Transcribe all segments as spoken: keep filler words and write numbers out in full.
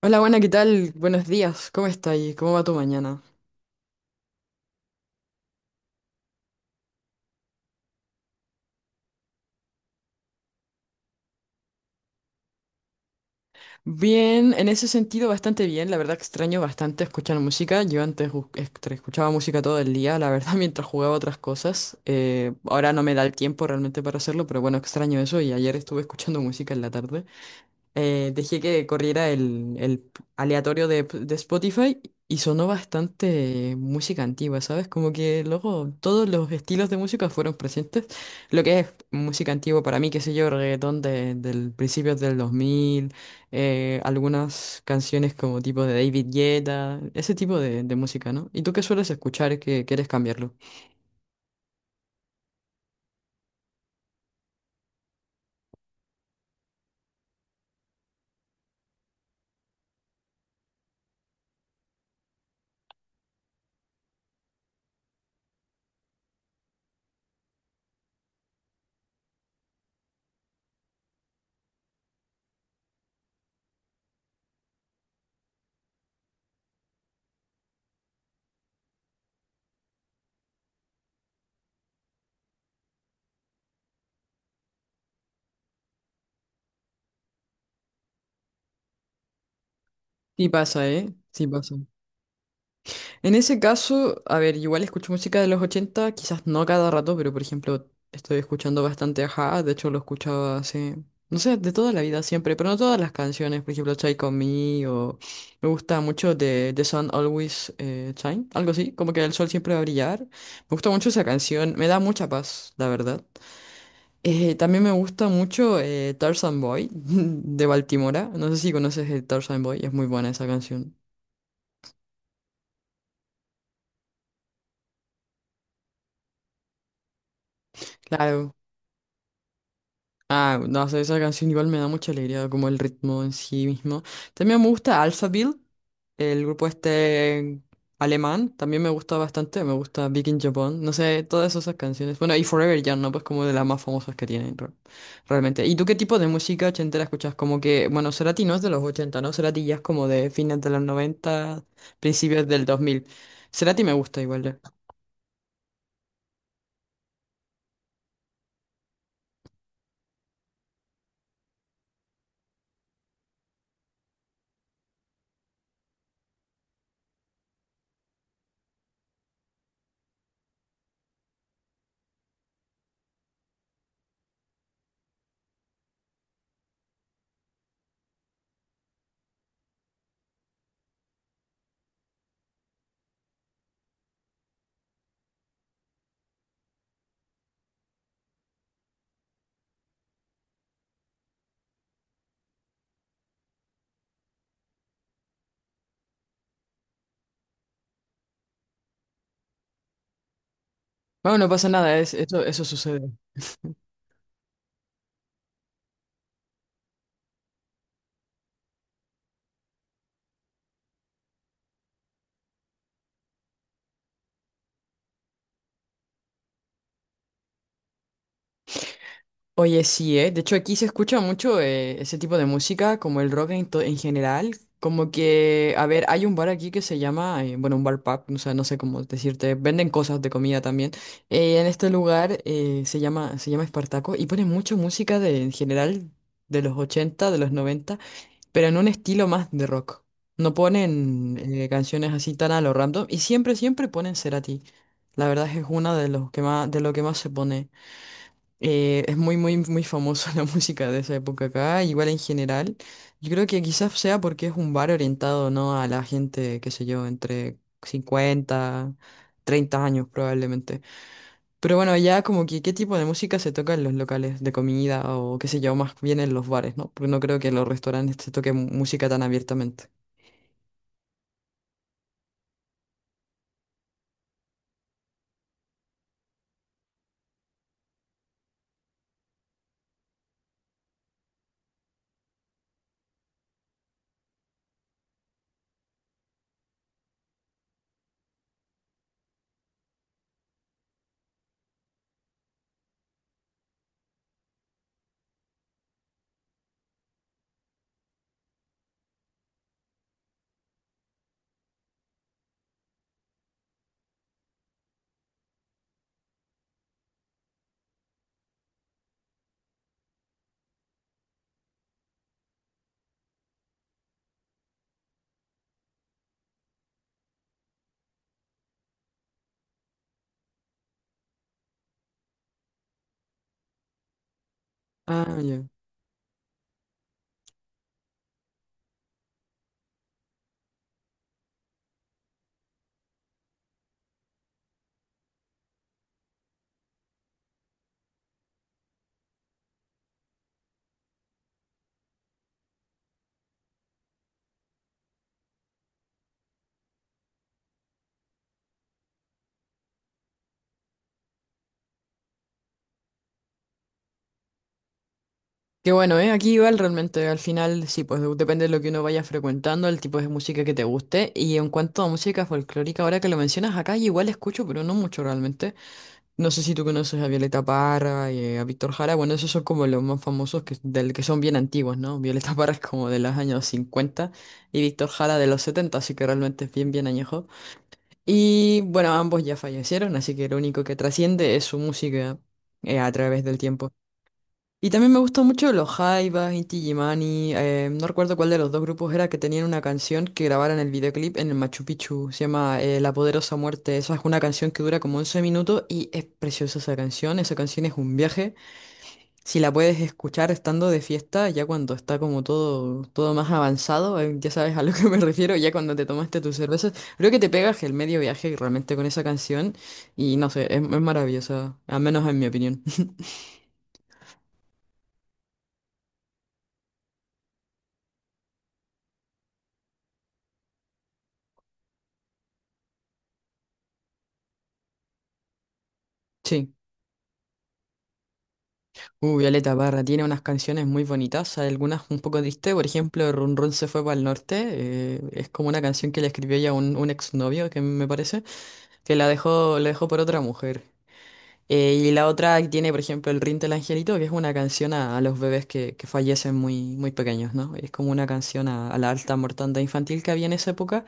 Hola, buena, ¿qué tal? Buenos días, ¿cómo está ahí? ¿Cómo va tu mañana? Bien, en ese sentido bastante bien, la verdad que extraño bastante escuchar música, yo antes ju- est- escuchaba música todo el día, la verdad mientras jugaba otras cosas. Eh, ahora no me da el tiempo realmente para hacerlo, pero bueno, extraño eso y ayer estuve escuchando música en la tarde. Eh, dejé que corriera el, el aleatorio de, de Spotify y sonó bastante música antigua, ¿sabes? Como que luego todos los estilos de música fueron presentes. Lo que es música antigua para mí, qué sé yo, reggaetón de, del principio del dos mil, eh, algunas canciones como tipo de David Guetta, ese tipo de, de música, ¿no? ¿Y tú qué sueles escuchar que quieres cambiarlo? Sí pasa, ¿eh? Sí pasa. En ese caso, a ver, igual escucho música de los ochenta, quizás no cada rato, pero por ejemplo, estoy escuchando bastante Ajá, de hecho lo escuchaba hace, no sé, de toda la vida siempre, pero no todas las canciones, por ejemplo, Take On Me o me gusta mucho de The Sun Always eh, Shine, algo así, como que el sol siempre va a brillar. Me gusta mucho esa canción, me da mucha paz, la verdad. Eh, también me gusta mucho eh, Tarzan Boy de Baltimora, no sé si conoces el Tarzan Boy, es muy buena esa canción. Claro. Ah, no sé, esa canción igual me da mucha alegría, como el ritmo en sí mismo. También me gusta Alphaville, el grupo este alemán, también me gusta bastante, me gusta Big in Japan, no sé, todas esas canciones. Bueno, y Forever Young, ¿no? Pues como de las más famosas que tienen, re- realmente. ¿Y tú qué tipo de música ochentera escuchas? Como que, bueno, Cerati no es de los ochenta, ¿no? Cerati ya es como de fines de los noventa, principios del dos mil. Cerati me gusta igual. Ya. Bueno, no pasa nada, es, eso, eso sucede. Oye, sí, ¿eh? De hecho, aquí se escucha mucho eh, ese tipo de música, como el rock en, to- en general. Como que, a ver, hay un bar aquí que se llama, eh, bueno, un bar pub, o sea, no sé cómo decirte, venden cosas de comida también. Eh, en este lugar eh, se llama, se llama Espartaco y ponen mucha música de, en general de los ochenta, de los noventa, pero en un estilo más de rock. No ponen eh, canciones así tan a lo random y siempre, siempre ponen Cerati. La verdad es que es una de los que más, de lo que más se pone. Eh, es muy, muy, muy famosa la música de esa época acá, igual en general. Yo creo que quizás sea porque es un bar orientado, ¿no? A la gente, qué sé yo, entre cincuenta, treinta años probablemente. Pero bueno, ya como que qué tipo de música se toca en los locales de comida o qué sé yo, más bien en los bares, ¿no? Porque no creo que en los restaurantes se toque mu- música tan abiertamente. Ah, ya. Qué bueno, ¿eh? Aquí igual realmente al final sí, pues de- depende de lo que uno vaya frecuentando, el tipo de música que te guste. Y en cuanto a música folclórica, ahora que lo mencionas acá, yo igual escucho, pero no mucho realmente. No sé si tú conoces a Violeta Parra y eh, a Víctor Jara. Bueno, esos son como los más famosos que, del que son bien antiguos, ¿no? Violeta Parra es como de los años cincuenta y Víctor Jara de los setenta, así que realmente es bien, bien añejo. Y bueno, ambos ya fallecieron, así que lo único que trasciende es su música eh, a través del tiempo. Y también me gustó mucho los Jaivas, Inti Illimani, eh, no recuerdo cuál de los dos grupos era que tenían una canción que grabaron el videoclip en el Machu Picchu, se llama eh, La Poderosa Muerte. Esa es una canción que dura como once minutos y es preciosa esa canción, esa canción es un viaje. Si la puedes escuchar estando de fiesta, ya cuando está como todo, todo más avanzado, eh, ya sabes a lo que me refiero, ya cuando te tomaste tus cervezas, creo que te pegas el medio viaje realmente con esa canción y no sé, es, es maravillosa, al menos en mi opinión. Sí. Uh, Violeta Parra tiene unas canciones muy bonitas, hay algunas un poco tristes, por ejemplo, Run Run se fue para el norte, eh, es como una canción que le escribió ella a un, un exnovio, que me parece, que la dejó, la dejó por otra mujer. Eh, y la otra tiene, por ejemplo, el Rin del Angelito, que es una canción a, a los bebés que, que fallecen muy, muy pequeños, ¿no? Es como una canción a, a la alta mortandad infantil que había en esa época.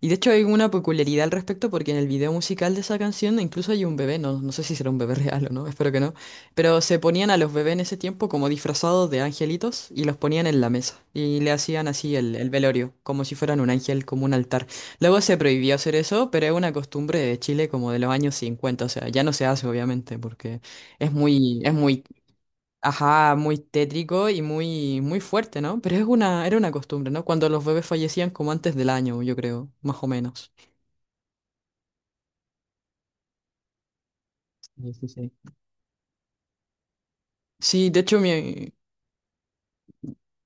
Y de hecho hay una peculiaridad al respecto porque en el video musical de esa canción incluso hay un bebé, no, no sé si será un bebé real o no, espero que no, pero se ponían a los bebés en ese tiempo como disfrazados de angelitos y los ponían en la mesa y le hacían así el, el velorio, como si fueran un ángel, como un altar. Luego se prohibió hacer eso, pero es una costumbre de Chile como de los años cincuenta, o sea, ya no se hace obviamente porque es muy, es muy, ajá, muy tétrico y muy, muy fuerte, ¿no? Pero es una, era una costumbre, ¿no? Cuando los bebés fallecían como antes del año, yo creo, más o menos. Sí, sí, sí. Sí, de hecho mi,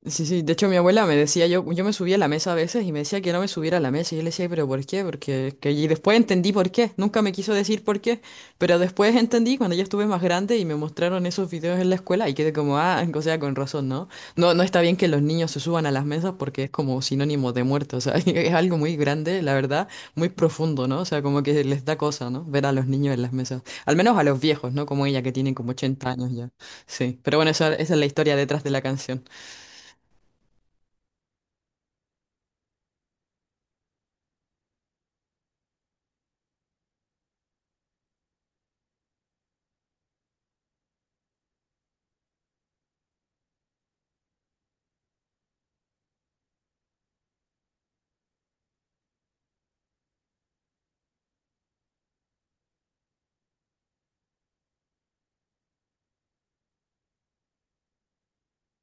sí, sí, de hecho mi abuela me decía, yo, yo me subía a la mesa a veces y me decía que no me subiera a la mesa y yo le decía, pero ¿por qué? Porque que... Y después entendí por qué, nunca me quiso decir por qué, pero después entendí cuando ya estuve más grande y me mostraron esos videos en la escuela y quedé como, ah, o sea, con razón, ¿no? No, no está bien que los niños se suban a las mesas porque es como sinónimo de muerto, o sea, es algo muy grande, la verdad, muy profundo, ¿no? O sea, como que les da cosa, ¿no? Ver a los niños en las mesas, al menos a los viejos, ¿no? Como ella que tiene como ochenta años ya, sí, pero bueno, esa, esa es la historia detrás de la canción.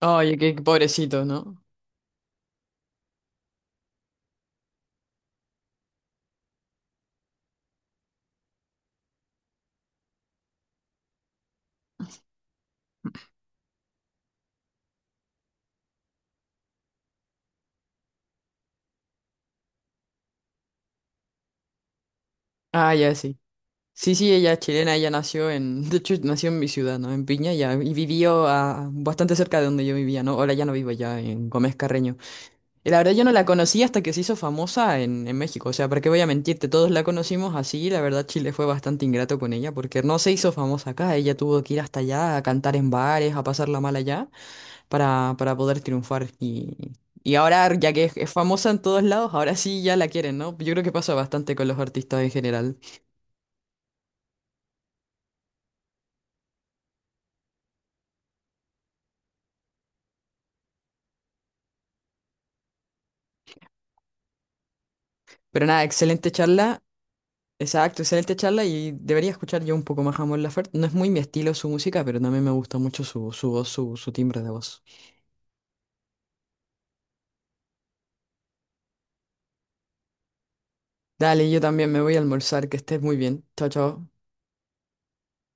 Oye, qué pobrecito, ¿no? Ah, ya sí. Sí, sí, ella es chilena, ella nació en, de hecho, nació en mi ciudad, ¿no? En Piña, ya, y vivió ah, bastante cerca de donde yo vivía, ¿no? Ahora ya no vivo ya en Gómez Carreño. Y la verdad yo no la conocí hasta que se hizo famosa en, en México, o sea, ¿para qué voy a mentirte? Todos la conocimos así, y la verdad Chile fue bastante ingrato con ella, porque no se hizo famosa acá, ella tuvo que ir hasta allá a cantar en bares, a pasarla mal allá. para, para poder triunfar. Y, y ahora, ya que es, es famosa en todos lados, ahora sí ya la quieren, ¿no? Yo creo que pasa bastante con los artistas en general. Pero nada, excelente charla. Exacto, excelente charla y debería escuchar yo un poco más a Mon Laferte. No es muy mi estilo su música, pero también me gusta mucho su, su voz, su, su timbre de voz. Dale, yo también me voy a almorzar, que estés muy bien. Chao, chao.